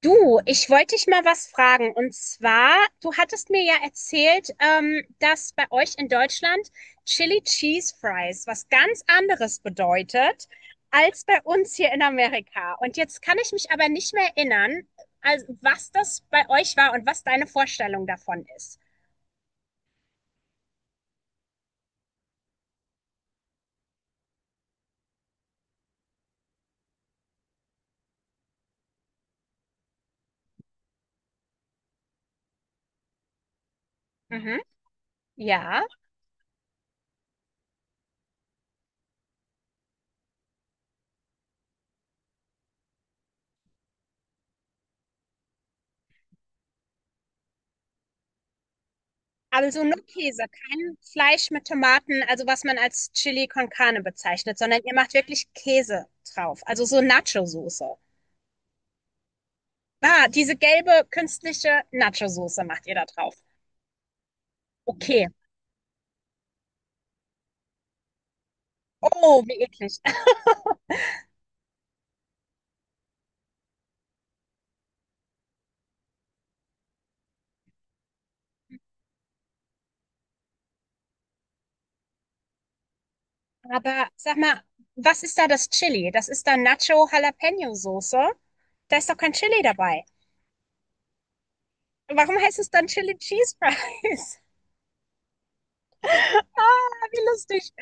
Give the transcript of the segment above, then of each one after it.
Du, ich wollte dich mal was fragen. Und zwar, du hattest mir ja erzählt, dass bei euch in Deutschland Chili Cheese Fries was ganz anderes bedeutet als bei uns hier in Amerika. Und jetzt kann ich mich aber nicht mehr erinnern, also was das bei euch war und was deine Vorstellung davon ist. Mhm. Ja, also nur Käse, kein Fleisch mit Tomaten, also was man als Chili con Carne bezeichnet, sondern ihr macht wirklich Käse drauf, also so Nacho-Soße. Ah, diese gelbe künstliche Nacho-Soße macht ihr da drauf. Okay. Oh, wie eklig. Aber sag mal, was ist da das Chili? Das ist dann Nacho-Jalapeno-Soße. Da ist doch kein Chili dabei. Warum heißt es dann Chili Cheese Fries? Ah, wie lustig.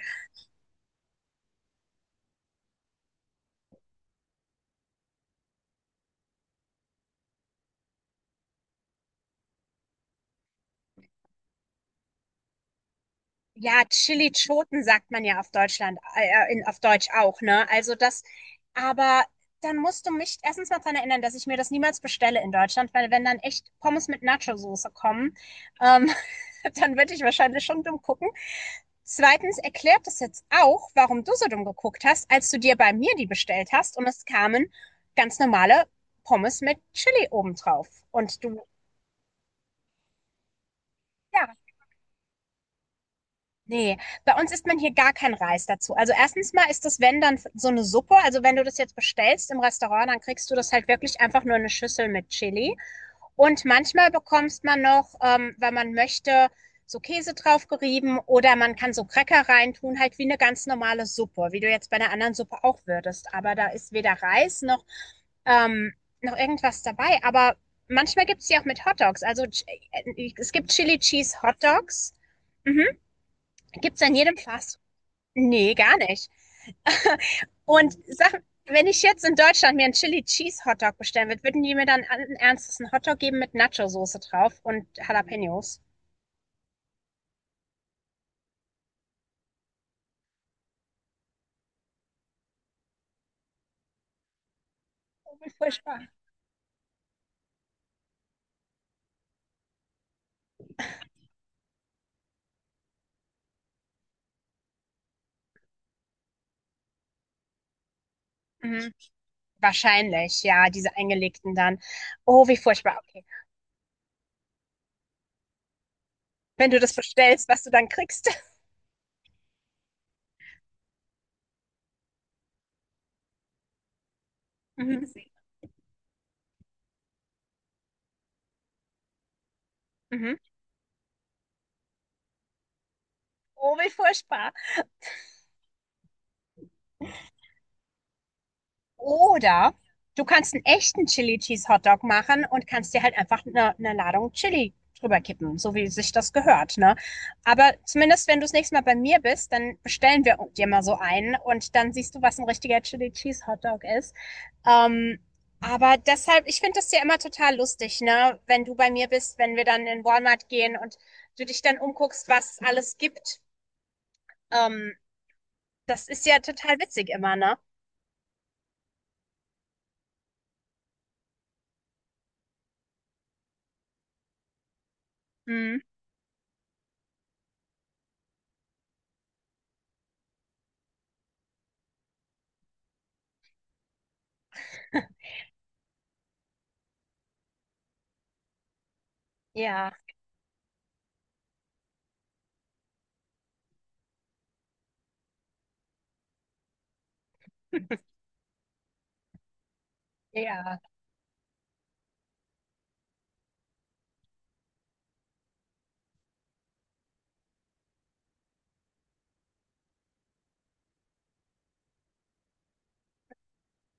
Ja, Chili-Schoten sagt man ja auf Deutschland, in, auf Deutsch auch, ne? Also das, aber dann musst du mich erstens mal daran erinnern, dass ich mir das niemals bestelle in Deutschland, weil wenn dann echt Pommes mit Nacho-Soße kommen, ähm, dann würde ich wahrscheinlich schon dumm gucken. Zweitens erklärt es jetzt auch, warum du so dumm geguckt hast, als du dir bei mir die bestellt hast und es kamen ganz normale Pommes mit Chili obendrauf. Und du, ja. Ne, bei uns isst man hier gar keinen Reis dazu. Also erstens mal ist das, wenn dann so eine Suppe, also wenn du das jetzt bestellst im Restaurant, dann kriegst du das halt wirklich einfach nur eine Schüssel mit Chili. Und manchmal bekommst man noch, wenn man möchte, so Käse drauf gerieben oder man kann so Cracker reintun, halt wie eine ganz normale Suppe, wie du jetzt bei einer anderen Suppe auch würdest. Aber da ist weder Reis ähm, noch irgendwas dabei. Aber manchmal gibt's die auch mit Hotdogs. Also, Ch es gibt Chili Cheese Hotdogs. Mhm. Gibt's an jedem Fast Nee, gar nicht. Und sag, wenn ich jetzt in Deutschland mir einen Chili Cheese Hotdog bestellen würde, würden die mir dann allen Ernstes einen Hotdog geben mit Nacho-Soße drauf und Jalapenos? Wie furchtbar. Mhm. Wahrscheinlich, ja, diese eingelegten dann. Oh, wie furchtbar. Okay. Wenn du das bestellst, was du dann kriegst. Mhm. Mhm. Oh, wie furchtbar. Oder du kannst einen echten Chili Cheese Hotdog machen und kannst dir halt einfach eine Ladung Chili drüber kippen, so wie sich das gehört, ne? Aber zumindest, wenn du das nächste Mal bei mir bist, dann bestellen wir dir mal so einen und dann siehst du, was ein richtiger Chili Cheese Hotdog ist. Ähm, aber deshalb, ich finde das ja immer total lustig, ne? Wenn du bei mir bist, wenn wir dann in Walmart gehen und du dich dann umguckst, was alles gibt. Ähm, Das ist ja total witzig immer, ne? Mhm. Ja, ja.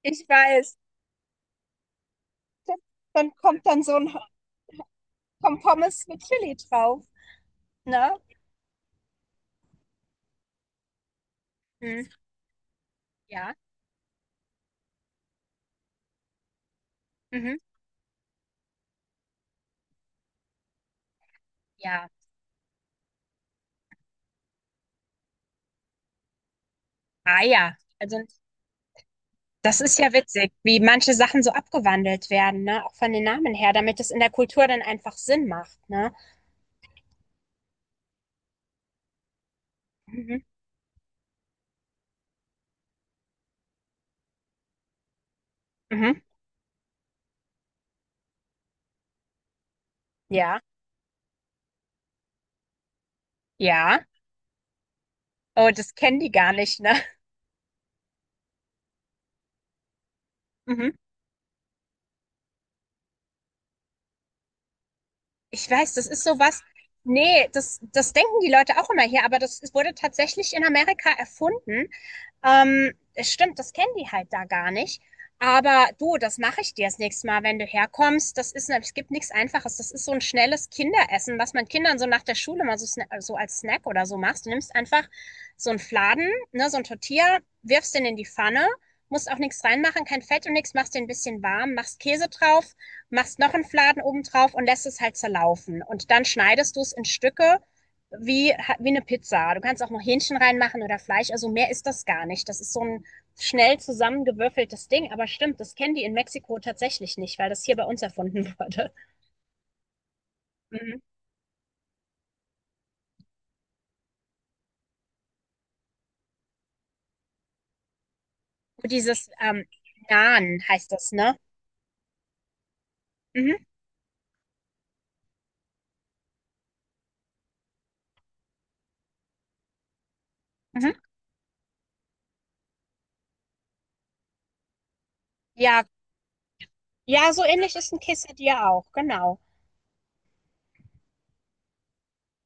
Ich weiß. Dann kommt dann so ein kommt Pommes mit Chili drauf. Ne? Mhm. Ja. Mhm. Ja. Ah ja. Also das ist ja witzig, wie manche Sachen so abgewandelt werden, ne? Auch von den Namen her, damit es in der Kultur dann einfach Sinn macht, ne? Mhm. Mhm. Ja. Ja. Oh, das kennen die gar nicht, ne? Mhm. Ich weiß, das ist sowas. Nee, das, das denken die Leute auch immer hier, aber das ist- wurde tatsächlich in Amerika erfunden. Es stimmt, das kennen die halt da gar nicht. Aber du, das mache ich dir das nächste Mal, wenn du herkommst. Das ist, es gibt nichts Einfaches. Das ist so ein schnelles Kinderessen, was man Kindern so nach der Schule mal so, so als Snack oder so machst. Du nimmst einfach so einen Fladen, ne, so ein Tortilla, wirfst den in die Pfanne, musst auch nichts reinmachen, kein Fett und nichts, machst den ein bisschen warm, machst Käse drauf, machst noch einen Fladen oben drauf und lässt es halt zerlaufen. Und dann schneidest du es in Stücke wie, wie eine Pizza. Du kannst auch noch Hähnchen reinmachen oder Fleisch. Also mehr ist das gar nicht. Das ist so ein schnell zusammengewürfeltes Ding. Aber stimmt, das kennen die in Mexiko tatsächlich nicht, weil das hier bei uns erfunden wurde. Mhm. Dieses Naan heißt das, ne? Mhm. Mhm. Ja, ja, so ähnlich ist ein Quesadilla auch, genau.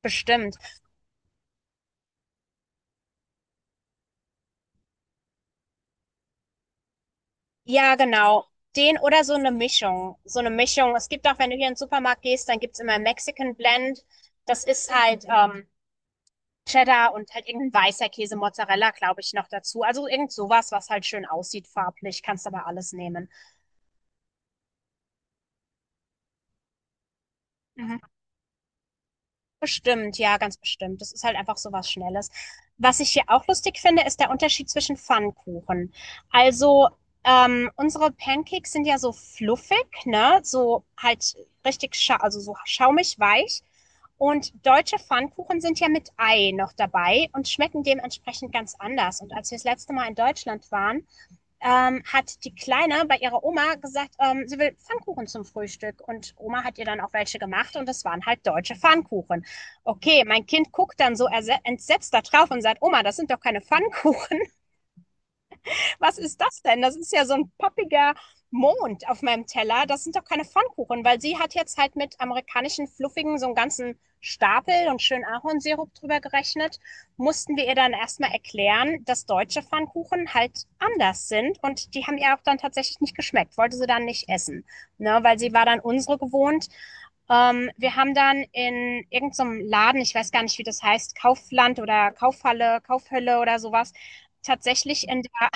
Bestimmt. Ja, genau. Den oder so eine Mischung. So eine Mischung. Es gibt auch, wenn du hier in den Supermarkt gehst, dann gibt's immer Mexican Blend. Das ist halt Cheddar und halt irgendein weißer Käse, Mozzarella, glaube ich, noch dazu. Also irgend sowas, was halt schön aussieht farblich. Kannst aber alles nehmen. Mhm. Bestimmt, ja, ganz bestimmt. Das ist halt einfach so was Schnelles. Was ich hier auch lustig finde, ist der Unterschied zwischen Pfannkuchen. Also, unsere Pancakes sind ja so fluffig, ne? So halt richtig, scha also so schaumig weich. Und deutsche Pfannkuchen sind ja mit Ei noch dabei und schmecken dementsprechend ganz anders. Und als wir das letzte Mal in Deutschland waren, hat die Kleine bei ihrer Oma gesagt, sie will Pfannkuchen zum Frühstück. Und Oma hat ihr dann auch welche gemacht und es waren halt deutsche Pfannkuchen. Okay, mein Kind guckt dann so entsetzt da drauf und sagt, Oma, das sind doch keine Pfannkuchen. Was ist das denn? Das ist ja so ein poppiger Mond auf meinem Teller. Das sind doch keine Pfannkuchen, weil sie hat jetzt halt mit amerikanischen Fluffigen so einen ganzen Stapel und schön Ahornsirup drüber gerechnet. Mussten wir ihr dann erstmal erklären, dass deutsche Pfannkuchen halt anders sind und die haben ihr auch dann tatsächlich nicht geschmeckt, wollte sie dann nicht essen, ne, weil sie war dann unsere gewohnt. Wir haben dann in irgendeinem Laden, ich weiß gar nicht, wie das heißt, Kaufland oder Kaufhalle, Kaufhölle oder sowas, tatsächlich in der,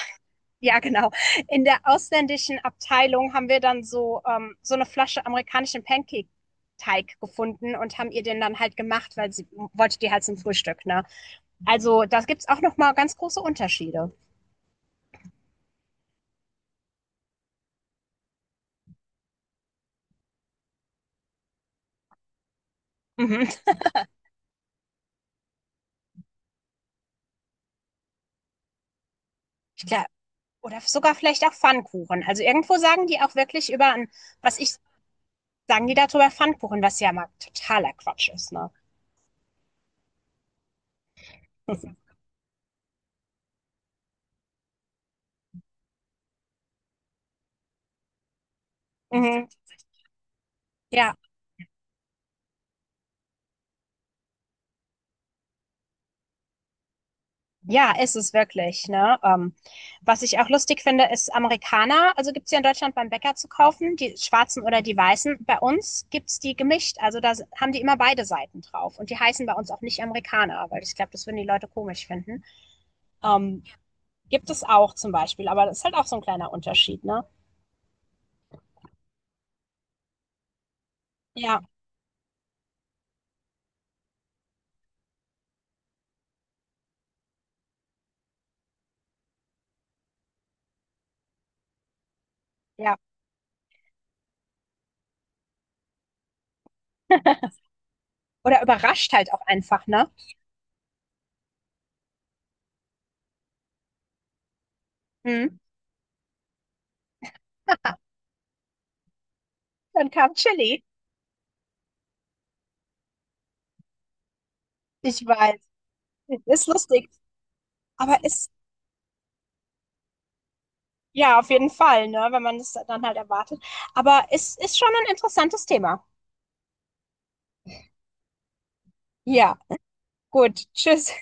ja, genau. In der ausländischen Abteilung haben wir dann so, so eine Flasche amerikanischen Pancake-Teig gefunden und haben ihr den dann halt gemacht, weil sie wollte die halt zum Frühstück, ne? Also da gibt's auch noch mal ganz große Unterschiede. Mhm. Ich glaub, oder sogar vielleicht auch Pfannkuchen. Also irgendwo sagen die auch wirklich über, was ich, sagen die darüber Pfannkuchen, was ja mal totaler Quatsch ist, ne? Mhm. Ja, ja, ist es wirklich, ne? Was ich auch lustig finde, ist Amerikaner. Also gibt's hier in Deutschland beim Bäcker zu kaufen, die schwarzen oder die weißen. Bei uns gibt's die gemischt. Also haben die immer beide Seiten drauf. Und die heißen bei uns auch nicht Amerikaner, weil ich glaube, das würden die Leute komisch finden. Ähm, Gibt es auch zum Beispiel, aber das ist halt auch so ein kleiner Unterschied, ne? Ja, ja. Oder überrascht halt auch einfach, ne? Hm, dann kam Chili. Ich weiß. Ist lustig. Aber ist, ja, auf jeden Fall, ne, wenn man das dann halt erwartet. Aber es ist schon ein interessantes Thema. Ja, gut. Tschüss.